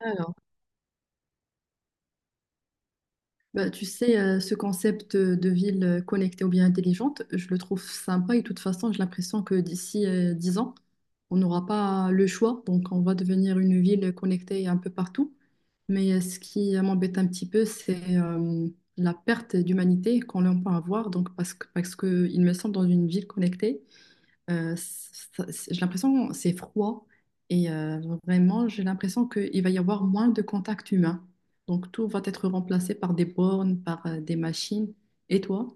Alors, tu sais, ce concept de ville connectée ou bien intelligente, je le trouve sympa et de toute façon, j'ai l'impression que d'ici 10 ans, on n'aura pas le choix. Donc, on va devenir une ville connectée un peu partout. Mais ce qui m'embête un petit peu, c'est la perte d'humanité qu'on peut avoir. Donc, parce que, il me semble, dans une ville connectée, j'ai l'impression que c'est froid et vraiment j'ai l'impression qu'il va y avoir moins de contact humain. Donc tout va être remplacé par des bornes, par des machines. Et toi?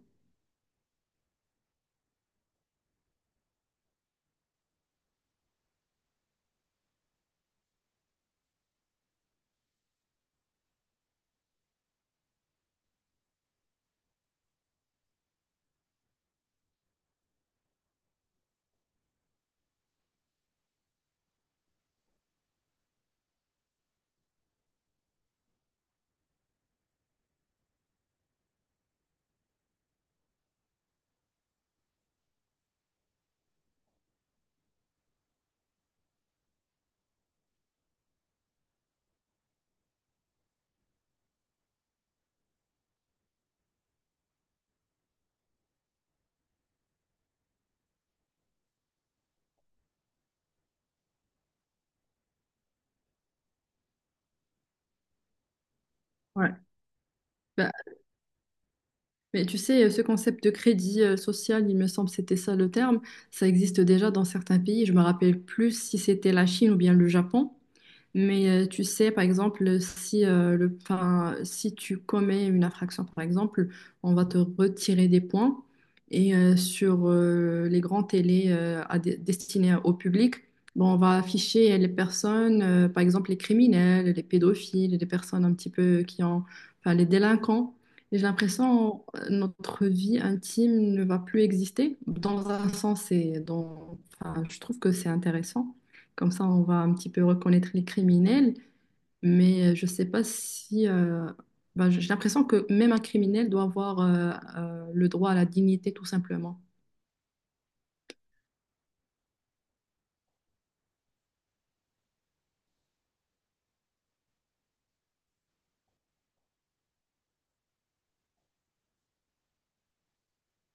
Ouais. Bah, mais tu sais, ce concept de crédit social, il me semble que c'était ça le terme, ça existe déjà dans certains pays. Je me rappelle plus si c'était la Chine ou bien le Japon. Mais tu sais, par exemple, si, le, enfin, si tu commets une infraction, par exemple, on va te retirer des points. Et sur les grands télés à destinés au public, bon, on va afficher les personnes, par exemple les criminels, les pédophiles, les personnes un petit peu qui ont, enfin, les délinquants. Et j'ai l'impression notre vie intime ne va plus exister. Dans un sens, enfin, je trouve que c'est intéressant. Comme ça, on va un petit peu reconnaître les criminels. Mais je ne sais pas si... bah, j'ai l'impression que même un criminel doit avoir le droit à la dignité, tout simplement.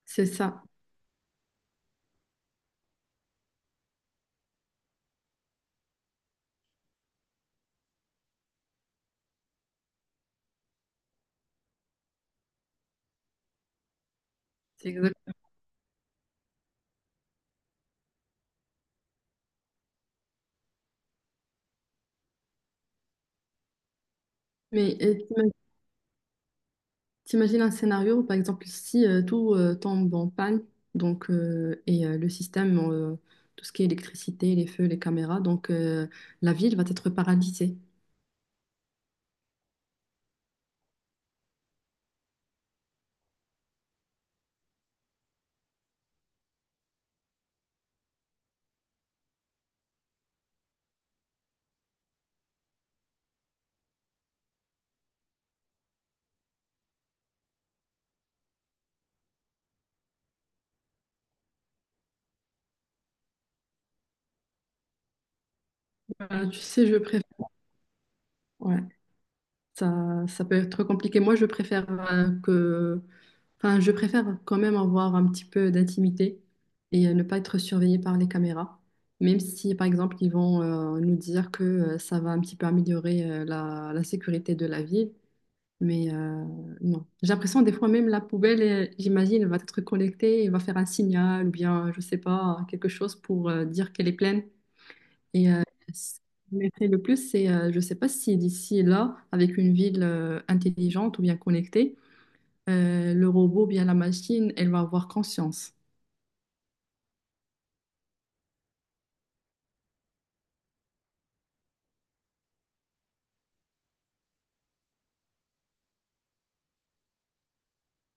C'est ça. C'est exact. Mais t'imagines un scénario, par exemple, si tout tombe en panne, donc, et le système, tout ce qui est électricité, les feux, les caméras, donc la ville va être paralysée. Tu sais, je préfère... Ouais, ça peut être compliqué. Moi, je préfère que... Enfin, je préfère quand même avoir un petit peu d'intimité et ne pas être surveillée par les caméras, même si, par exemple, ils vont nous dire que ça va un petit peu améliorer la, la sécurité de la ville. Mais non. J'ai l'impression, des fois, même la poubelle, j'imagine, elle va être connectée et va faire un signal ou bien, je sais pas, quelque chose pour dire qu'elle est pleine. Et ce qui m'effraie le plus, c'est, je sais pas si d'ici là, avec une ville intelligente ou bien connectée, le robot, bien la machine, elle va avoir conscience.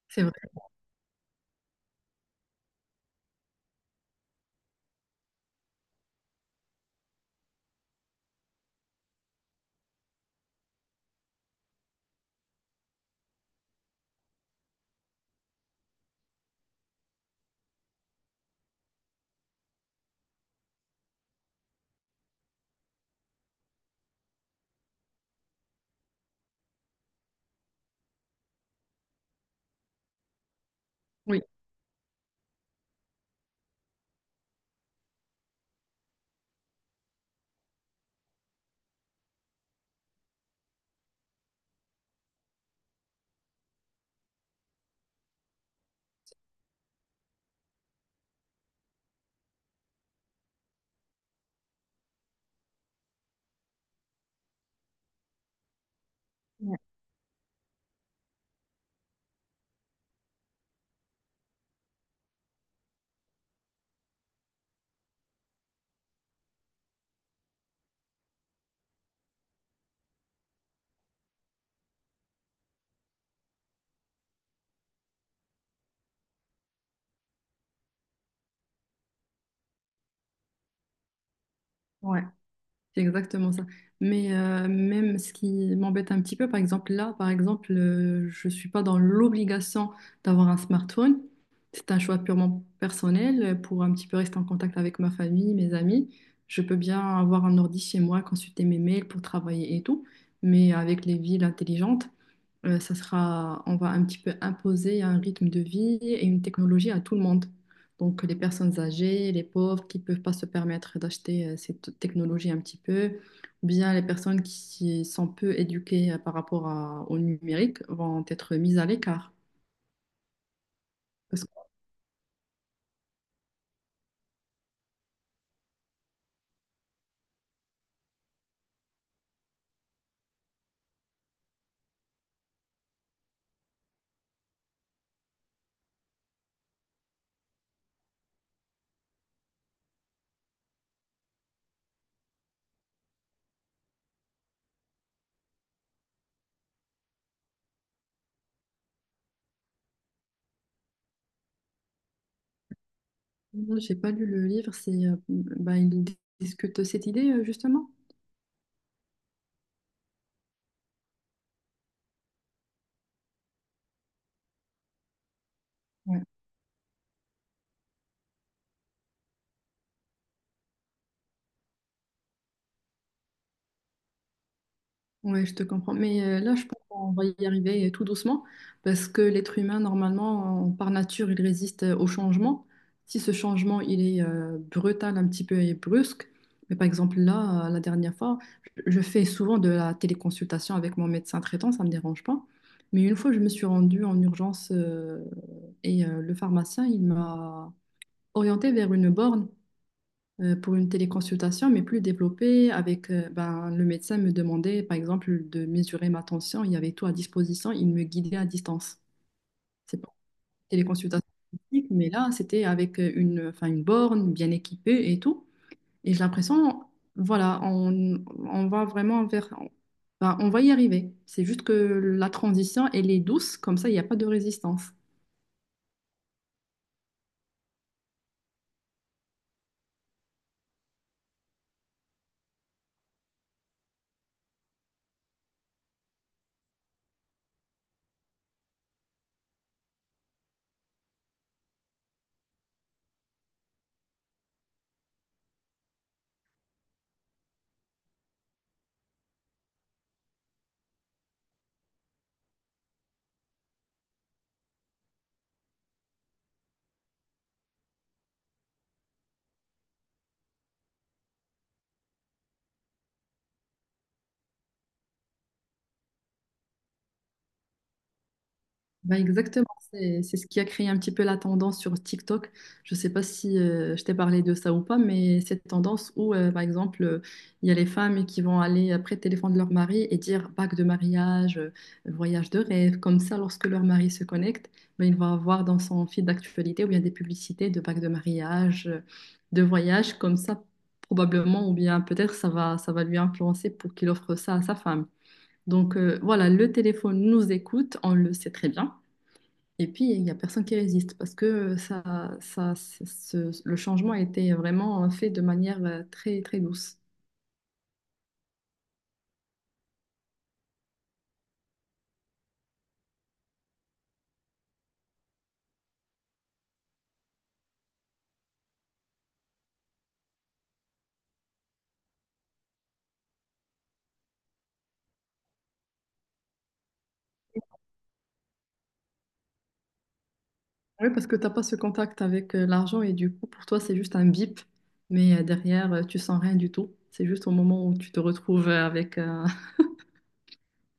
C'est vrai. Oui, ouais, c'est exactement ça. Mais même ce qui m'embête un petit peu, par exemple, là, par exemple, je ne suis pas dans l'obligation d'avoir un smartphone. C'est un choix purement personnel pour un petit peu rester en contact avec ma famille, mes amis. Je peux bien avoir un ordi chez moi, consulter mes mails pour travailler et tout. Mais avec les villes intelligentes, ça sera, on va un petit peu imposer un rythme de vie et une technologie à tout le monde. Donc les personnes âgées, les pauvres qui ne peuvent pas se permettre d'acheter cette technologie un petit peu, ou bien les personnes qui sont peu éduquées par rapport au numérique vont être mises à l'écart. Parce que moi, j'ai pas lu le livre, c'est, bah, il discute cette idée justement. Ouais. Ouais, je te comprends. Mais là, je pense qu'on va y arriver tout doucement parce que l'être humain, normalement, par nature, il résiste au changement. Si ce changement, il est brutal un petit peu et brusque, mais par exemple, là, la dernière fois, je fais souvent de la téléconsultation avec mon médecin traitant, ça ne me dérange pas. Mais une fois, je me suis rendue en urgence et le pharmacien, il m'a orientée vers une borne pour une téléconsultation, mais plus développée, avec ben, le médecin me demandait, par exemple, de mesurer ma tension, il y avait tout à disposition, il me guidait à distance. C'est pas une téléconsultation physique, mais là, c'était avec une, enfin, une borne bien équipée et tout. Et j'ai l'impression, voilà, on va vraiment vers... ben, on va y arriver. C'est juste que la transition, elle est douce, comme ça, il n'y a pas de résistance. Ben exactement, c'est ce qui a créé un petit peu la tendance sur TikTok. Je ne sais pas si je t'ai parlé de ça ou pas, mais cette tendance où, par exemple, il y a les femmes qui vont aller après le téléphone de leur mari et dire bague de mariage, voyage de rêve, comme ça, lorsque leur mari se connecte, bah, il va avoir dans son fil d'actualité où il y a des publicités de bague de mariage, de voyage, comme ça, probablement, ou bien peut-être ça va lui influencer pour qu'il offre ça à sa femme. Donc voilà, le téléphone nous écoute, on le sait très bien. Et puis, il n'y a personne qui résiste parce que ça, le changement a été vraiment fait de manière très, très douce. Oui, parce que tu n'as pas ce contact avec l'argent et du coup, pour toi, c'est juste un bip, mais derrière, tu sens rien du tout. C'est juste au moment où tu te retrouves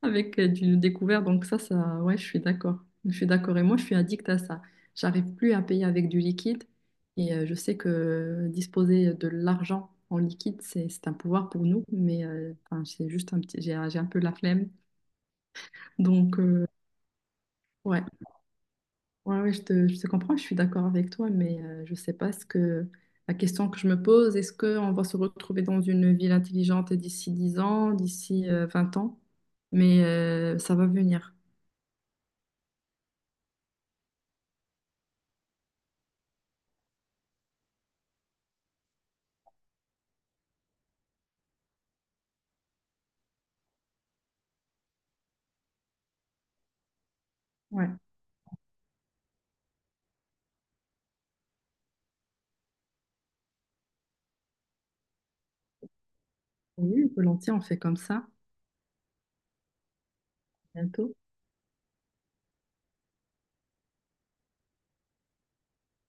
avec du découvert. Donc ça, ouais, je suis d'accord. Je suis d'accord. Et moi, je suis addict à ça. J'arrive plus à payer avec du liquide. Et je sais que disposer de l'argent en liquide, c'est un pouvoir pour nous. Mais enfin, c'est juste un petit, j'ai un peu la flemme. Donc ouais, ouais, ouais, je te comprends. Je suis d'accord avec toi. Mais je sais pas ce que la question que je me pose, est-ce qu'on va se retrouver dans une ville intelligente d'ici 10 ans, d'ici 20 ans? Mais ça va venir. Ouais. Oui, volontiers, on fait comme ça bientôt.